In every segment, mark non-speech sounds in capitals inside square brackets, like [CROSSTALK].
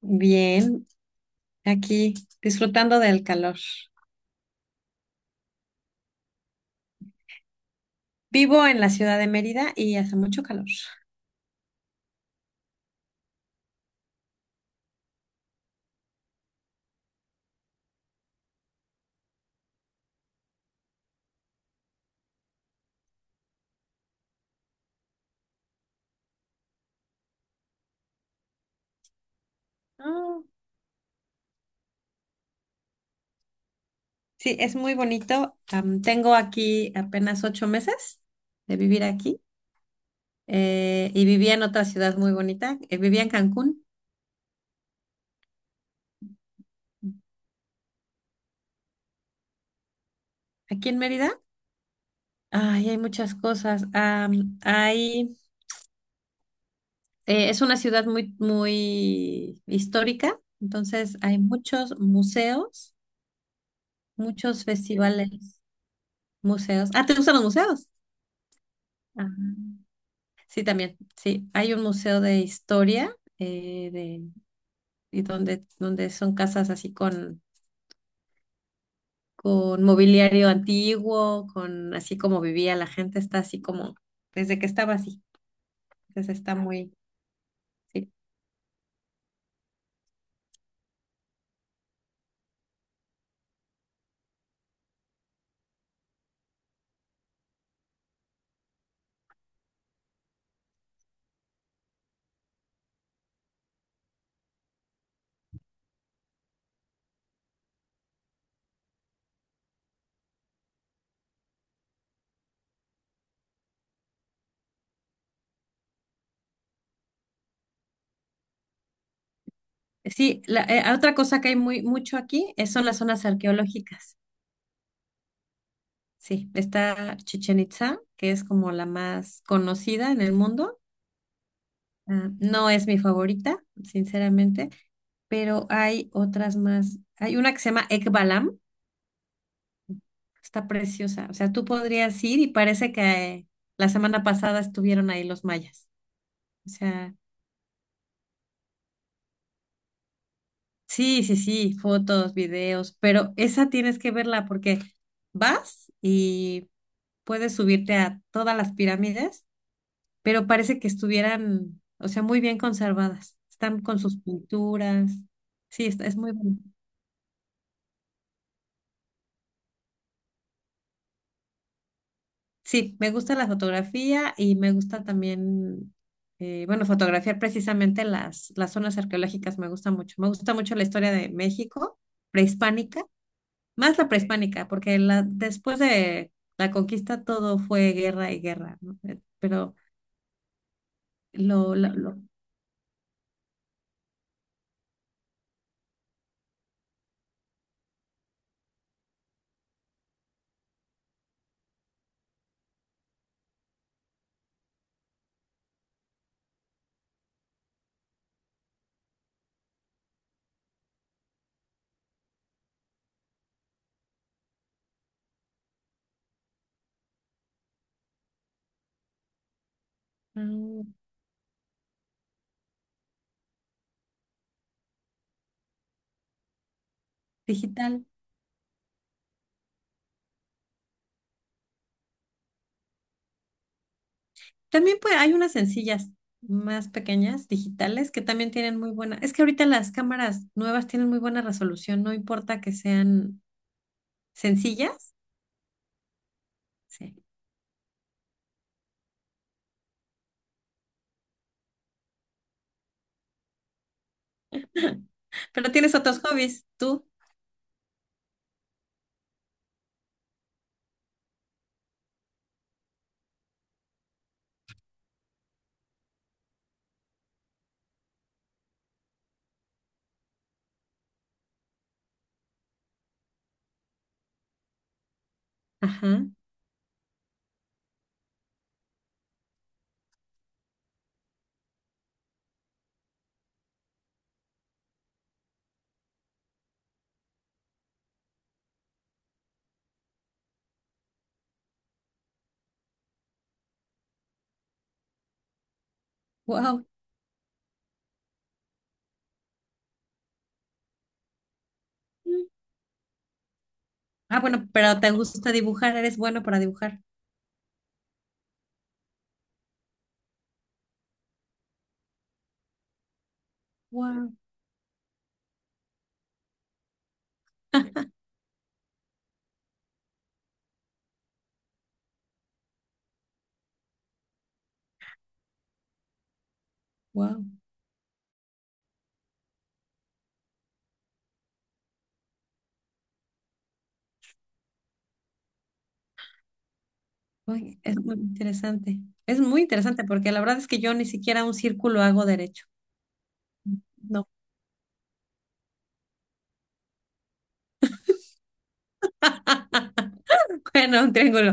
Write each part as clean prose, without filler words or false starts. Bien, aquí disfrutando del calor. Vivo en la ciudad de Mérida y hace mucho calor. Ah, sí, es muy bonito. Tengo aquí apenas ocho meses de vivir aquí, y vivía en otra ciudad muy bonita. Vivía en Cancún, aquí en Mérida. Ay, hay muchas cosas. Es una ciudad muy, muy histórica, entonces hay muchos museos, muchos festivales, museos. Ah, ¿te gustan los museos? Ajá. Sí, también, sí. Hay un museo de historia, y donde, donde son casas así con mobiliario antiguo, con así como vivía la gente, está así como desde que estaba así. Entonces está muy, sí. Sí, otra cosa que hay muy mucho aquí es, son las zonas arqueológicas. Sí, está Chichen Itza, que es como la más conocida en el mundo. Ah, no es mi favorita, sinceramente, pero hay otras más. Hay una que se llama Ekbalam. Está preciosa. O sea, tú podrías ir y parece que la semana pasada estuvieron ahí los mayas. O sea, sí, sí, sí, fotos, videos, pero esa tienes que verla porque vas y puedes subirte a todas las pirámides, pero parece que estuvieran, o sea, muy bien conservadas. Están con sus pinturas. Sí, está, es muy bonito. Sí, me gusta la fotografía y me gusta también, bueno, fotografiar precisamente las zonas arqueológicas, me gusta mucho. Me gusta mucho la historia de México prehispánica, más la prehispánica, porque la, después de la conquista todo fue guerra y guerra, ¿no? Pero lo, lo, lo, mm, digital. También pues, hay unas sencillas más pequeñas, digitales, que también tienen muy buena. Es que ahorita las cámaras nuevas tienen muy buena resolución, no importa que sean sencillas. Sí. Pero tienes otros hobbies, tú. Ajá. Wow. Ah, bueno, pero te gusta dibujar, eres bueno para dibujar. Wow. Wow. Uy, [LAUGHS] es muy interesante. Es muy interesante porque la verdad es que yo ni siquiera un círculo hago derecho. No. [LAUGHS] Bueno, un triángulo.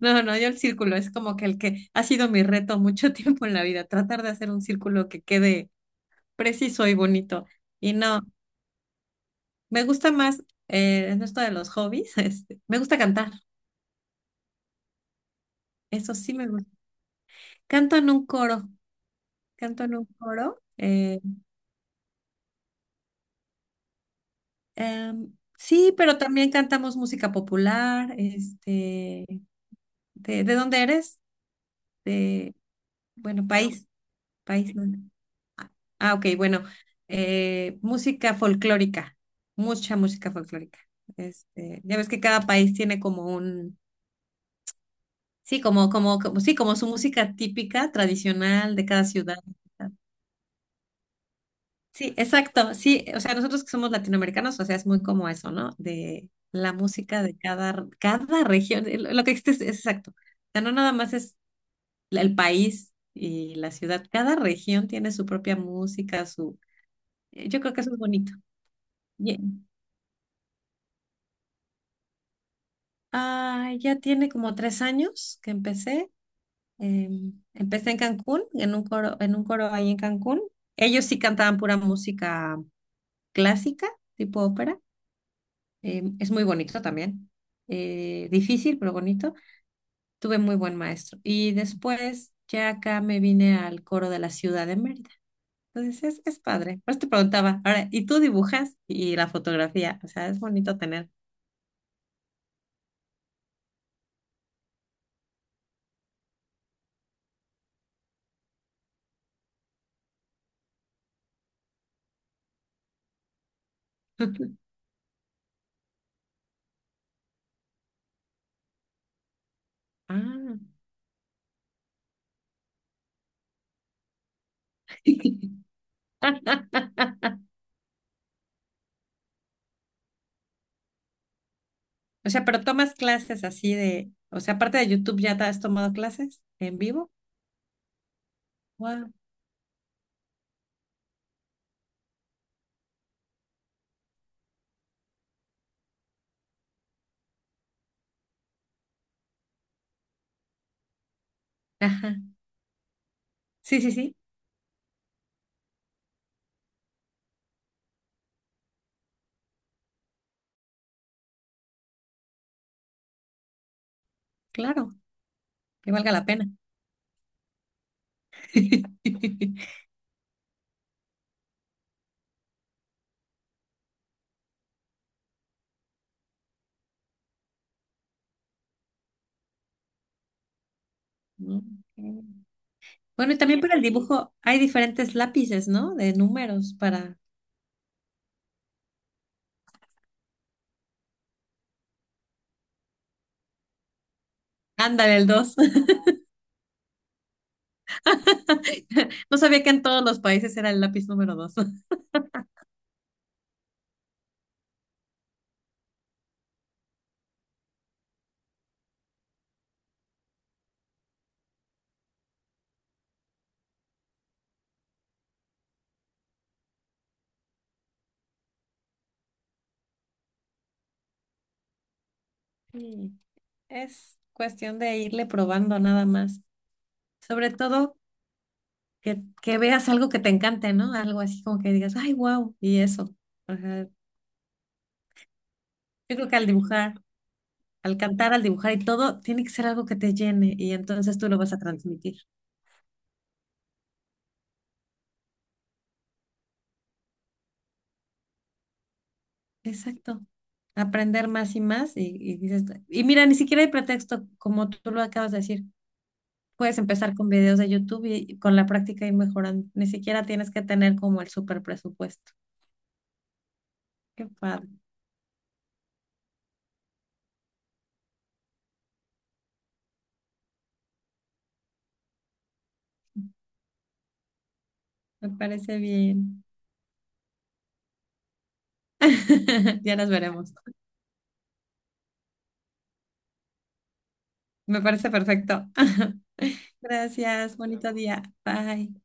No, no, yo el círculo es como que el que ha sido mi reto mucho [LAUGHS] tiempo en la vida, tratar de hacer un círculo que quede preciso y bonito. Y no, me gusta más, en esto de los hobbies, [LAUGHS] me gusta cantar. Eso sí me canto en un coro, canto en un coro. Sí, pero también cantamos música popular. Este, de dónde eres? De, bueno, país, país. ¿No? Ah, ah, ok, bueno, música folclórica, mucha música folclórica. Este, ya ves que cada país tiene como un, sí, sí, como su música típica, tradicional de cada ciudad. Sí, exacto, sí, o sea, nosotros que somos latinoamericanos, o sea, es muy como eso, ¿no? De la música de cada, cada región, lo que existe es exacto. O sea, no nada más es el país y la ciudad, cada región tiene su propia música, su... Yo creo que eso es bonito. Bien. Ah, ya tiene como tres años que empecé. Empecé en Cancún, en un coro ahí en Cancún. Ellos sí cantaban pura música clásica, tipo ópera. Es muy bonito también. Difícil, pero bonito. Tuve muy buen maestro. Y después ya acá me vine al coro de la ciudad de Mérida. Entonces es padre. Por eso te preguntaba, ahora, ¿y tú dibujas? Y la fotografía. O sea, es bonito tener. [LAUGHS] Ah. [LAUGHS] O sea, pero tomas clases así de, o sea, aparte de YouTube, ¿ya te has tomado clases en vivo? Wow. Ajá. Sí, sí, sí, claro, que valga la pena. [LAUGHS] Ok. Bueno, y también para el dibujo hay diferentes lápices, ¿no? De números para... Ándale, el dos. [LAUGHS] No sabía que en todos los países era el lápiz número [LAUGHS] 2. Es cuestión de irle probando nada más. Sobre todo que veas algo que te encante, ¿no? Algo así como que digas, ay, wow, y eso. Ajá. Yo creo que al dibujar, al cantar, al dibujar y todo, tiene que ser algo que te llene y entonces tú lo vas a transmitir. Exacto. Aprender más y más y dices, y mira, ni siquiera hay pretexto, como tú lo acabas de decir. Puedes empezar con videos de YouTube y con la práctica y mejorando. Ni siquiera tienes que tener como el super presupuesto. Qué padre, me parece bien. [LAUGHS] Ya nos veremos. Me parece perfecto. [LAUGHS] Gracias, bonito día. Bye.